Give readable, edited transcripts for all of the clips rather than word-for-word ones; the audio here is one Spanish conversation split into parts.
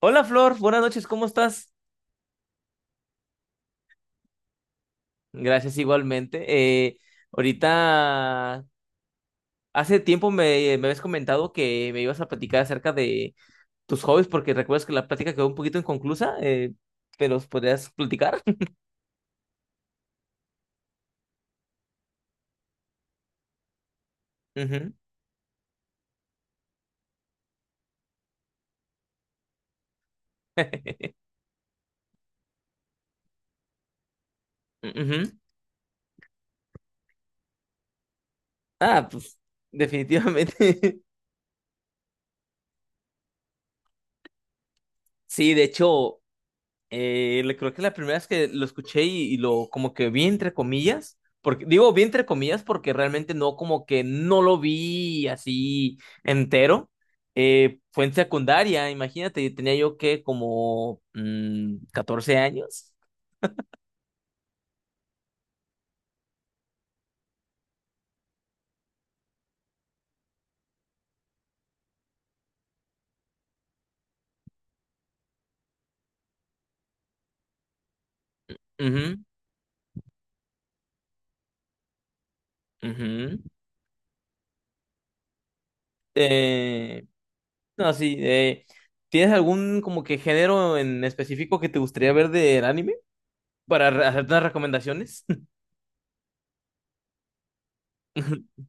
Hola Flor, buenas noches, ¿cómo estás? Gracias igualmente. Eh, ahorita, hace tiempo me habías comentado que me ibas a platicar acerca de tus hobbies, porque recuerdas que la plática quedó un poquito inconclusa, pero ¿os ¿podrías platicar? Ujú. Ujú. Ah, pues definitivamente. Sí, de hecho, le creo que la primera vez que lo escuché y lo como que vi entre comillas, porque digo vi entre comillas porque realmente no como que no lo vi así entero, fue en secundaria, imagínate, tenía yo que como 14 años. Ujú, ujú. Eh, no, sí, ¿tienes algún como que género en específico que te gustaría ver del anime para hacerte unas recomendaciones?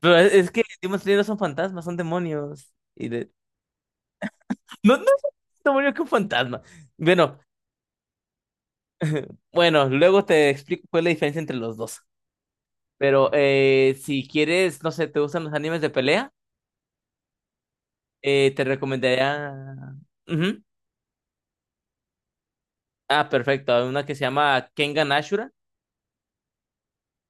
Pero es que Demon Slayer no son fantasmas, son demonios. Y de... No, no es un demonio que un fantasma. Bueno, bueno, luego te explico cuál es la diferencia entre los dos. Pero si quieres, no sé, ¿te gustan los animes de pelea? Te recomendaría... Ujú. Ah, perfecto. Hay una que se llama Kengan Ashura.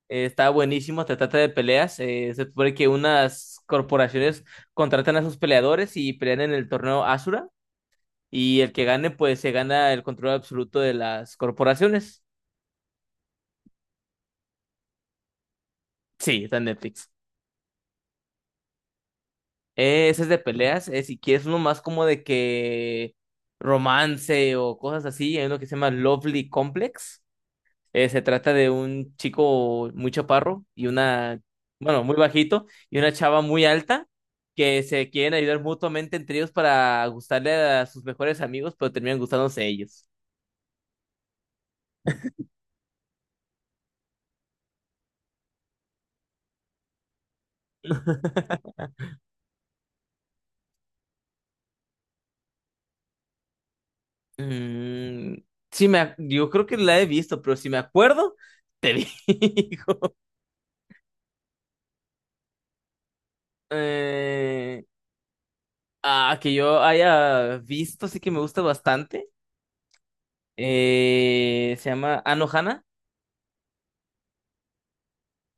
Está buenísimo, te trata de peleas. Se supone que unas corporaciones contratan a sus peleadores y pelean en el torneo Ashura. Y el que gane, pues se gana el control absoluto de las corporaciones. Sí, está en Netflix. Ese es de peleas. Si quieres uno más como de que romance o cosas así, hay uno que se llama Lovely Complex. Se trata de un chico muy chaparro y una, bueno, muy bajito y una chava muy alta que se quieren ayudar mutuamente entre ellos para gustarle a sus mejores amigos, pero terminan gustándose ellos. Mm, sí, yo creo que la he visto, pero si me acuerdo, te digo. Eh, que yo haya visto, sí que me gusta bastante. Se llama Anohana.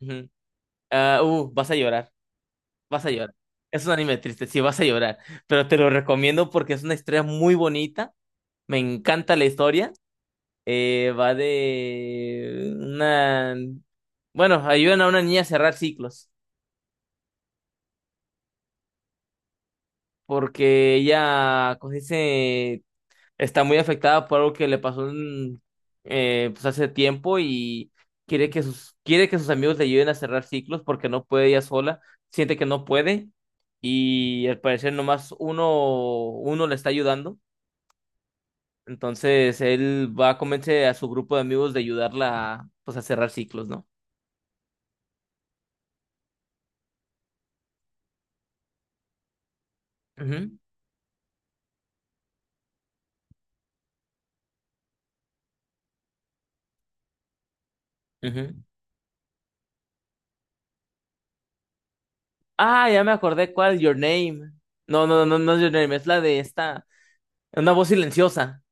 Ujú. Vas a llorar, vas a llorar. Es un anime triste, sí, vas a llorar. Pero te lo recomiendo porque es una historia muy bonita. Me encanta la historia. Va de una... Bueno, ayudan a una niña a cerrar ciclos porque ella, como se dice? Está muy afectada por algo que le pasó en, pues hace tiempo y quiere que sus amigos le ayuden a cerrar ciclos porque no puede ella sola, siente que no puede y al parecer nomás uno le está ayudando. Entonces él va a convencer a su grupo de amigos de ayudarla a, pues, a cerrar ciclos, ¿no? Ujú, ujú. Ah, ya me acordé cuál, Your Name. No, no, no, no es Your Name, es la de esta, Una voz silenciosa.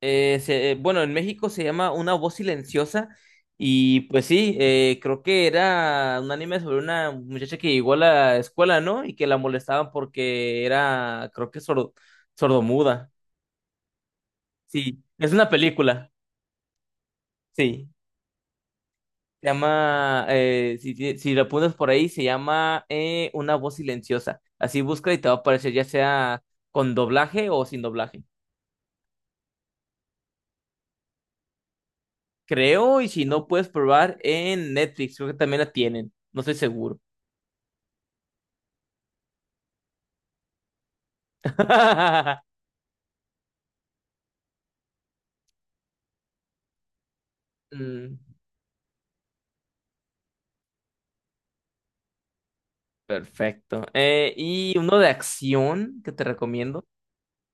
Bueno, en México se llama Una voz silenciosa y pues sí, creo que era un anime sobre una muchacha que llegó a la escuela, ¿no? Y que la molestaban porque era, creo que sordomuda. Sí, es una película, sí. Se llama, si lo pones por ahí, se llama Una voz silenciosa. Así busca y te va a aparecer ya sea con doblaje o sin doblaje. Creo, y si no, puedes probar en Netflix, creo que también la tienen, no estoy seguro. Mm, perfecto. Y uno de acción que te recomiendo.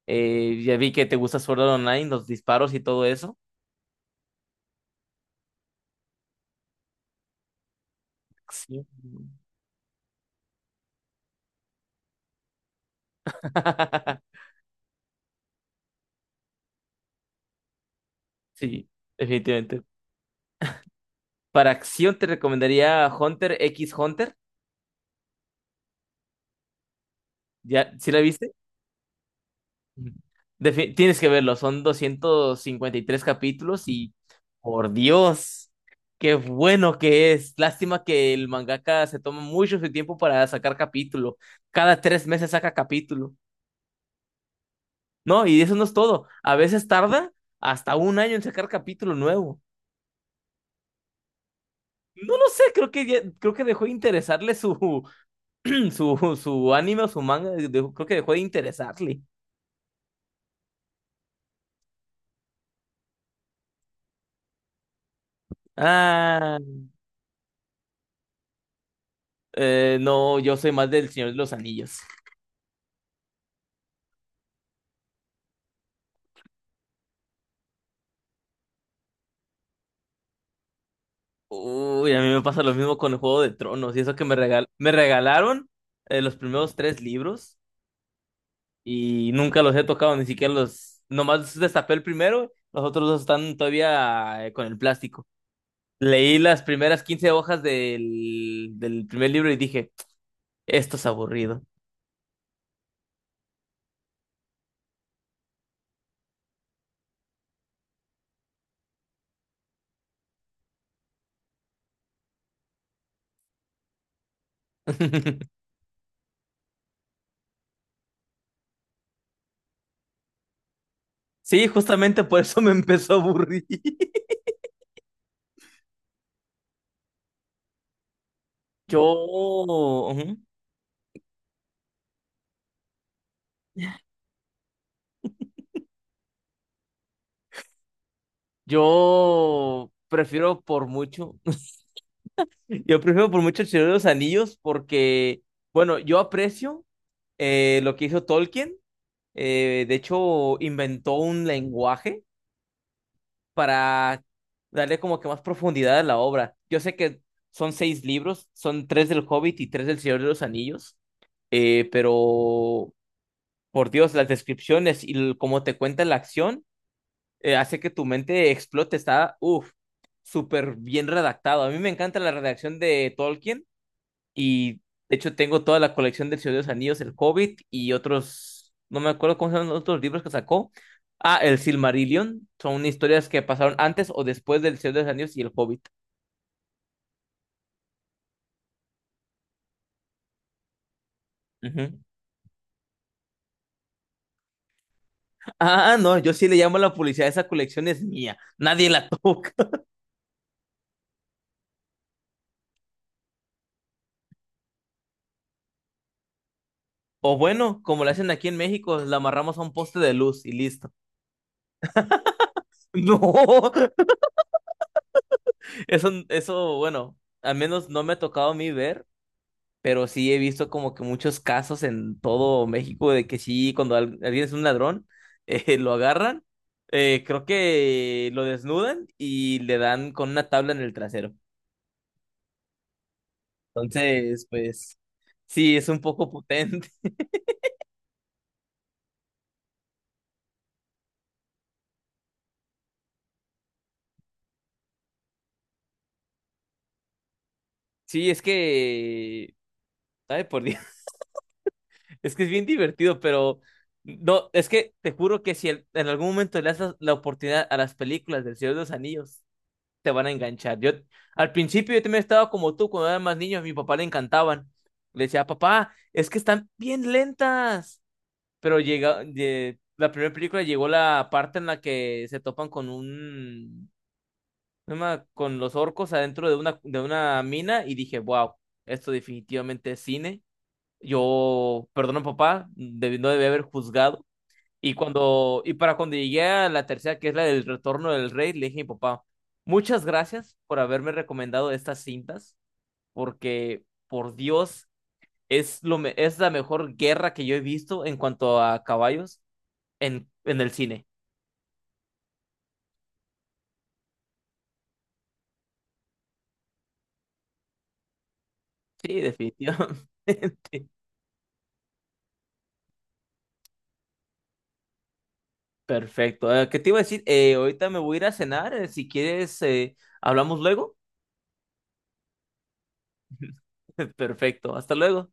Ya vi que te gusta Sword Art Online, los disparos y todo eso. Acción. Sí, definitivamente. Para acción te recomendaría Hunter x Hunter. ¿Ya? ¿Sí la viste? Tienes que verlo, son 253 capítulos y por Dios, qué bueno que es. Lástima que el mangaka se toma mucho su tiempo para sacar capítulo. Cada 3 meses saca capítulo. No, y eso no es todo. A veces tarda hasta un año en sacar capítulo nuevo. No lo sé, creo que dejó de interesarle su anime o su manga, creo que dejó de interesarle. Ah, no, yo soy más del Señor de los Anillos. Uy, a mí me pasa lo mismo con el Juego de Tronos. Y eso que me regalaron los primeros tres libros y nunca los he tocado, ni siquiera los... Nomás destapé el primero, los otros dos están todavía con el plástico. Leí las primeras 15 hojas del primer libro y dije, esto es aburrido. Sí, justamente por eso me empezó a aburrir. Yo, ujú, yo prefiero por mucho. Yo prefiero por mucho el Señor de los Anillos porque, bueno, yo aprecio lo que hizo Tolkien. De hecho, inventó un lenguaje para darle como que más profundidad a la obra. Yo sé que son seis libros, son tres del Hobbit y tres del Señor de los Anillos, pero por Dios, las descripciones y cómo te cuenta la acción hace que tu mente explote. Está, uff, súper bien redactado. A mí me encanta la redacción de Tolkien y de hecho tengo toda la colección del Señor de los Anillos, el Hobbit y otros, no me acuerdo cómo se llaman los otros libros que sacó. Ah, el Silmarillion. Son historias que pasaron antes o después del Señor de los Anillos y el Hobbit. Ujú. Ah, no, yo sí le llamo a la publicidad, esa colección es mía, nadie la toca. O bueno, como la hacen aquí en México, la amarramos a un poste de luz y listo. No, bueno, al menos no me ha tocado a mí ver, pero sí he visto como que muchos casos en todo México de que sí, cuando alguien es un ladrón, lo agarran, creo que lo desnudan y le dan con una tabla en el trasero. Entonces, pues sí, es un poco potente. Sí, es que, ay, por Dios, es que es bien divertido, pero no, es que te juro que si en algún momento le das la oportunidad a las películas del Señor de los Anillos, te van a enganchar. Yo al principio yo también estaba como tú, cuando eran más niños, a mi papá le encantaban. Le decía, papá, es que están bien lentas. Pero llega, de, la primera película llegó la parte en la que se topan con un, no me- con los orcos adentro de de una mina y dije, wow, esto definitivamente es cine. Yo, perdón, papá, no debí haber juzgado. Y para cuando llegué a la tercera, que es la del Retorno del Rey, le dije a mi papá, muchas gracias por haberme recomendado estas cintas, porque por Dios, es la mejor guerra que yo he visto en cuanto a caballos en el cine. Sí, definitivamente. Perfecto. ¿Qué te iba a decir? Ahorita me voy a ir a cenar. Si quieres, hablamos luego. Perfecto. Hasta luego.